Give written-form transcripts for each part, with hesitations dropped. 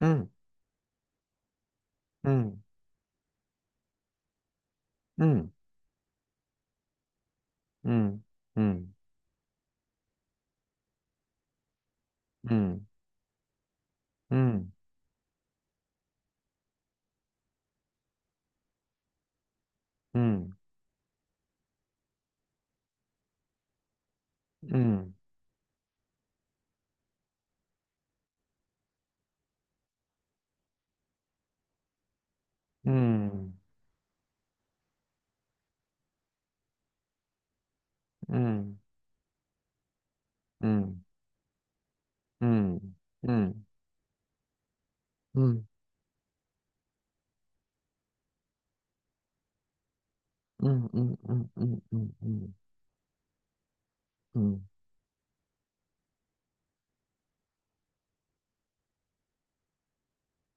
うん。うん。うん。うん。うん。うん。うん。うん。うん。うん。うん。うん。うん。うん。うん。うん。うん。うん。うん。うん。うん。うん。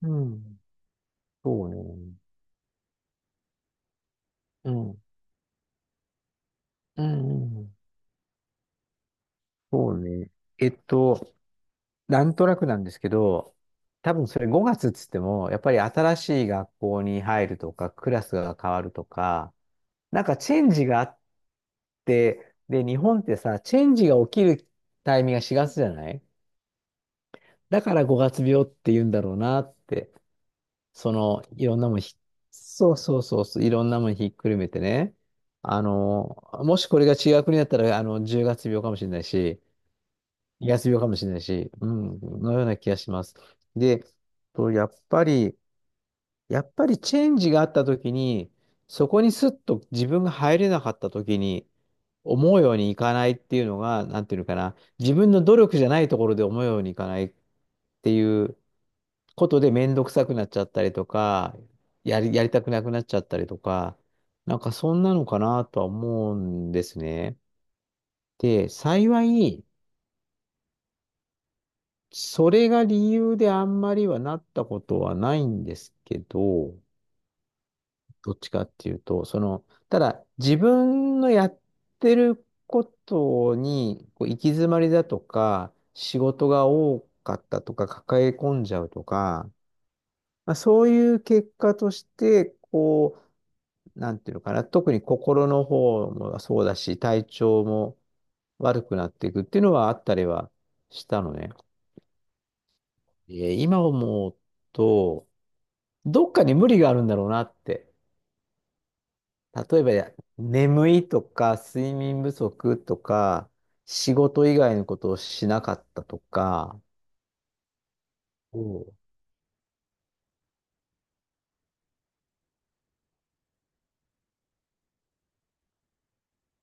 うん。そうね。うん。うん。うん。そうね。えっと、なんとなくなんですけど、多分それ5月っつっても、やっぱり新しい学校に入るとか、クラスが変わるとか、なんかチェンジがあっで、日本ってさ、チェンジが起きるタイミングが4月じゃない。だから5月病って言うんだろうなって、その、いろんなもんひ、そうそうそうそう、いろんなもんひっくるめてね。あの、もしこれが違う国だったら、あの、10月病かもしれないし、2月病かもしれないし、うん、のような気がします。で、とやっぱり、やっぱりチェンジがあった時に、そこにスッと自分が入れなかった時に、思うようにいかないっていうのが、なんていうのかな、自分の努力じゃないところで思うようにいかないっていうことで面倒くさくなっちゃったりとか、やりたくなくなっちゃったりとか、なんかそんなのかなとは思うんですね。で、幸い、それが理由であんまりはなったことはないんですけど、どっちかっていうと、その、ただ自分のやってることにこう行き詰まりだとか、仕事が多かったとか、抱え込んじゃうとか、まあ、そういう結果として、こう、なんていうのかな、特に心の方もそうだし、体調も悪くなっていくっていうのはあったりはしたのね。今思うと、どっかに無理があるんだろうなって。例えば眠いとか、睡眠不足とか、仕事以外のことをしなかったとか、おう。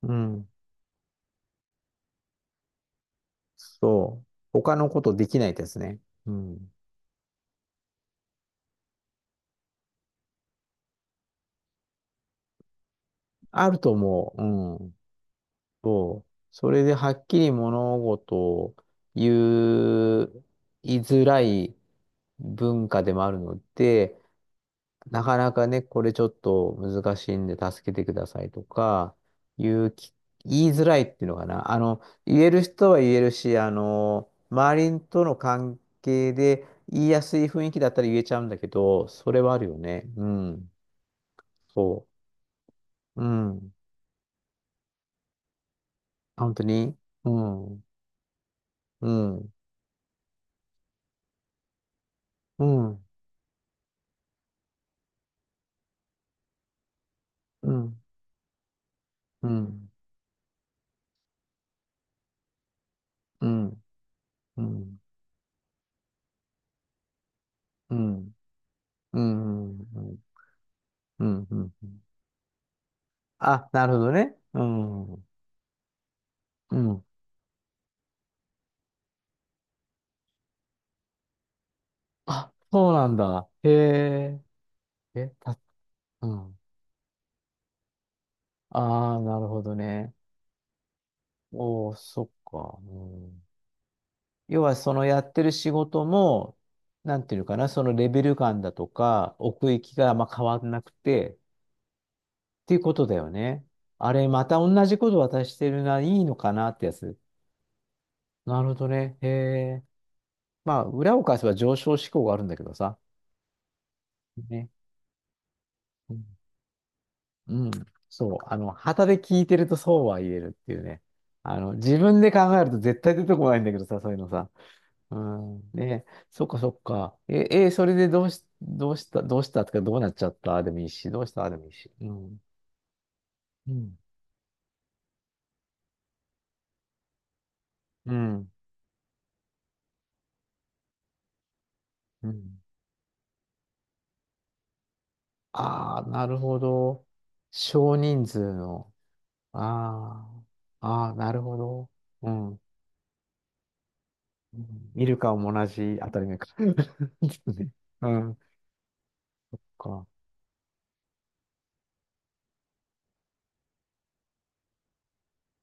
うん。そう。他のことできないですね。うん。あると思う。うん。そう。それではっきり物事を言う、言いづらい文化でもあるので、なかなかね、これちょっと難しいんで助けてくださいとか、言うき、言いづらいっていうのかな。あの、言える人は言えるし、あの、周りとの関係で言いやすい雰囲気だったら言えちゃうんだけど、それはあるよね。うん。そう。うん。本当に。うん。うん。うん。うん。うん。うん。うん。うん。うん。うん。うん。うん。あ、なるほどね。うん。うん。あ、そうなんだ。へえ。え、た、うん。ああ、なるほどね。おー、そっか。うん、要は、そのやってる仕事も、なんていうのかな、そのレベル感だとか、奥行きがあんま変わんなくて、っていうことだよね。あれ、また同じこと渡してるな、いいのかなってやつ。なるほどね。へえ。まあ、裏を返せば上昇志向があるんだけどさ。ね。うん。うん。そう。あの、旗で聞いてるとそうは言えるっていうね。あの、自分で考えると絶対出てこないんだけどさ、そういうのさ。うん。ね、そっかそっか。それでどうした、どうしたとか、どうなっちゃったでもいいし、どうしたでもいいし。うん。うん。うん。うん。ああ、なるほど。少人数の。ああ。ああ、なるほど。うん。うん。見るかも同じ当たり前か。そうね。うん。か。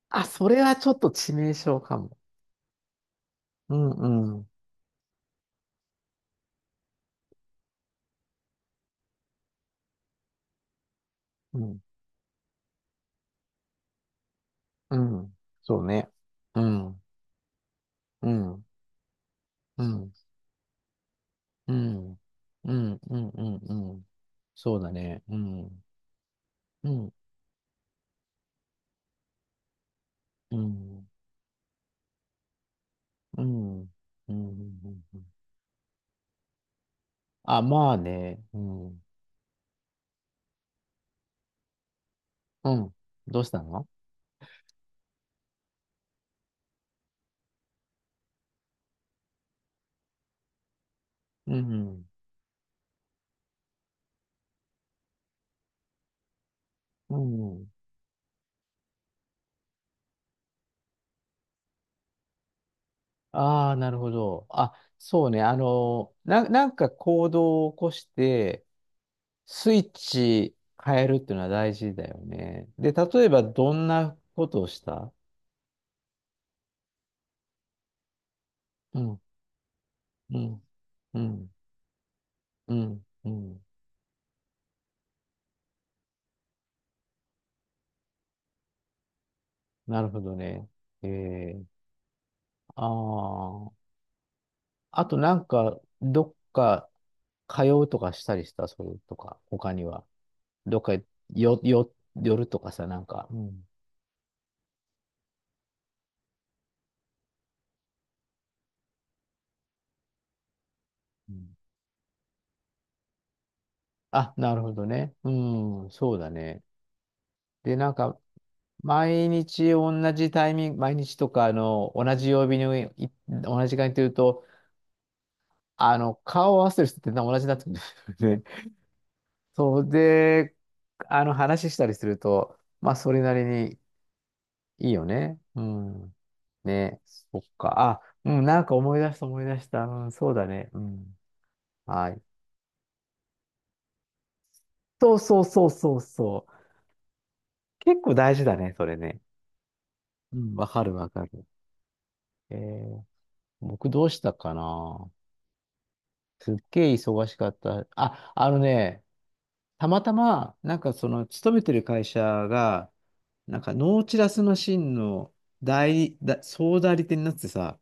あ、それはちょっと致命傷かも。うん。うん。うん。うん。そうね。うん。うん。うん。うん。うん。うん。うん。うん。そうだね。うん。うん。うん。うん。うん。あ、まあね。うん。うん。どうしたの？うん。うん。ああ、なるほど。あ、そうね。あの、なんか行動を起こして、スイッチ変えるっていうのは大事だよね。で、例えばどんなことをした？うん。うん。うん。うん。うん。なるほどね。えー、ああ。あとなんか、どっか通うとかしたりした、それとか、他には。どっかよ、よ、寄るとかさ、なんか。うん。うん。あ、なるほどね。うん、そうだね。で、なんか、毎日同じタイミング、毎日とか、あの、同じ曜日に同じ時間にというと、あの、顔を合わせてる人って同じになってくるんですよね。そうで、あの、話したりすると、まあ、それなりにいいよね。うん。ね、そっか。あ、うん、なんか思い出した思い出した。うん、そうだね。うん。はい。そうそうそうそうそう。結構大事だね、それね。うん、わかるわかる。えー、僕どうしたかな。すっげえ忙しかった。あ、あのね、たまたま、なんかその、勤めてる会社が、なんか、ノーチラスマシンの代理、だ、総代理店になってさ、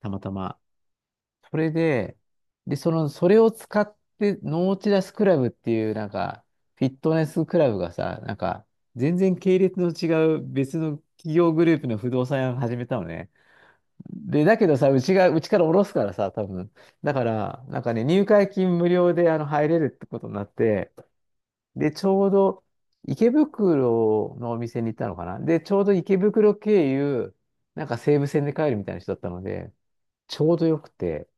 たまたま。それで、で、その、それを使って、ノーチラスクラブっていう、なんか、フィットネスクラブがさ、なんか、全然系列の違う別の企業グループの不動産屋を始めたのね。で、だけどさ、うちから下ろすからさ、多分。だから、なんかね、入会金無料であの入れるってことになって、で、ちょうど池袋のお店に行ったのかな。で、ちょうど池袋経由、なんか西武線で帰るみたいな人だったので、ちょうどよくて、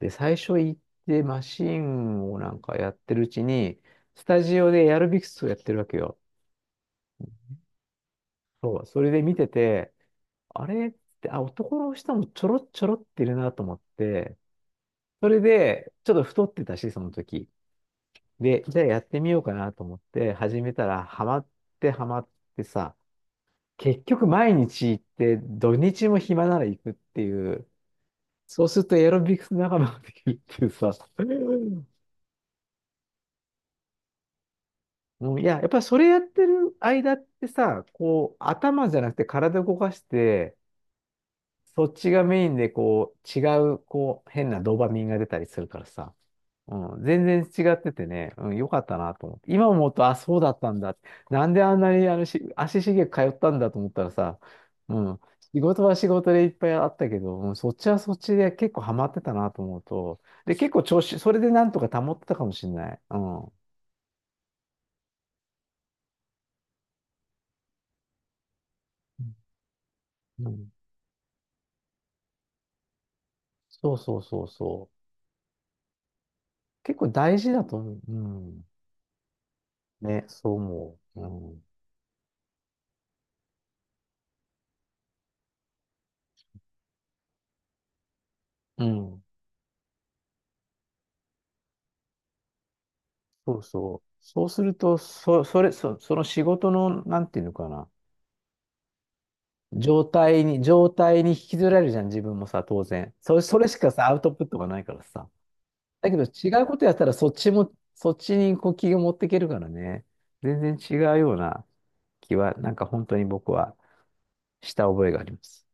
で、最初行ってマシンをなんかやってるうちに、スタジオでエアロビクスをやってるわけよ。そう、それで見てて、あれって、あ、男の人もちょろちょろっているなと思って、それで、ちょっと太ってたし、その時。で、じゃあやってみようかなと思って始めたら、ハマってさ、結局毎日行って、土日も暇なら行くっていう、そうするとエアロビクス仲間ができるっていうさ、もういや、やっぱりそれやってる間ってさ、こう、頭じゃなくて体動かして、そっちがメインでこう、こう、変なドーパミンが出たりするからさ。うん、全然違っててね、うん、よかったなと思って。今思うと、あ、そうだったんだ。なんであんなにあのし足しげく通ったんだと思ったらさ、うん、仕事は仕事でいっぱいあったけど、うん、そっちはそっちで結構ハマってたなと思うと、で、結構調子、それでなんとか保ってたかもしれない。うん。うん。そうそうそうそう。結構大事だと思う。うん。ね、そう思う。うん。うん。そうそう。そうすると、そ、それ、そ、その仕事の、なんていうのかな、状態に引きずられるじゃん、自分もさ、当然。それしかさ、アウトプットがないからさ。だけど、違うことやったら、そっちにこう気が持っていけるからね。全然違うような気は、なんか本当に僕はした覚えがあります。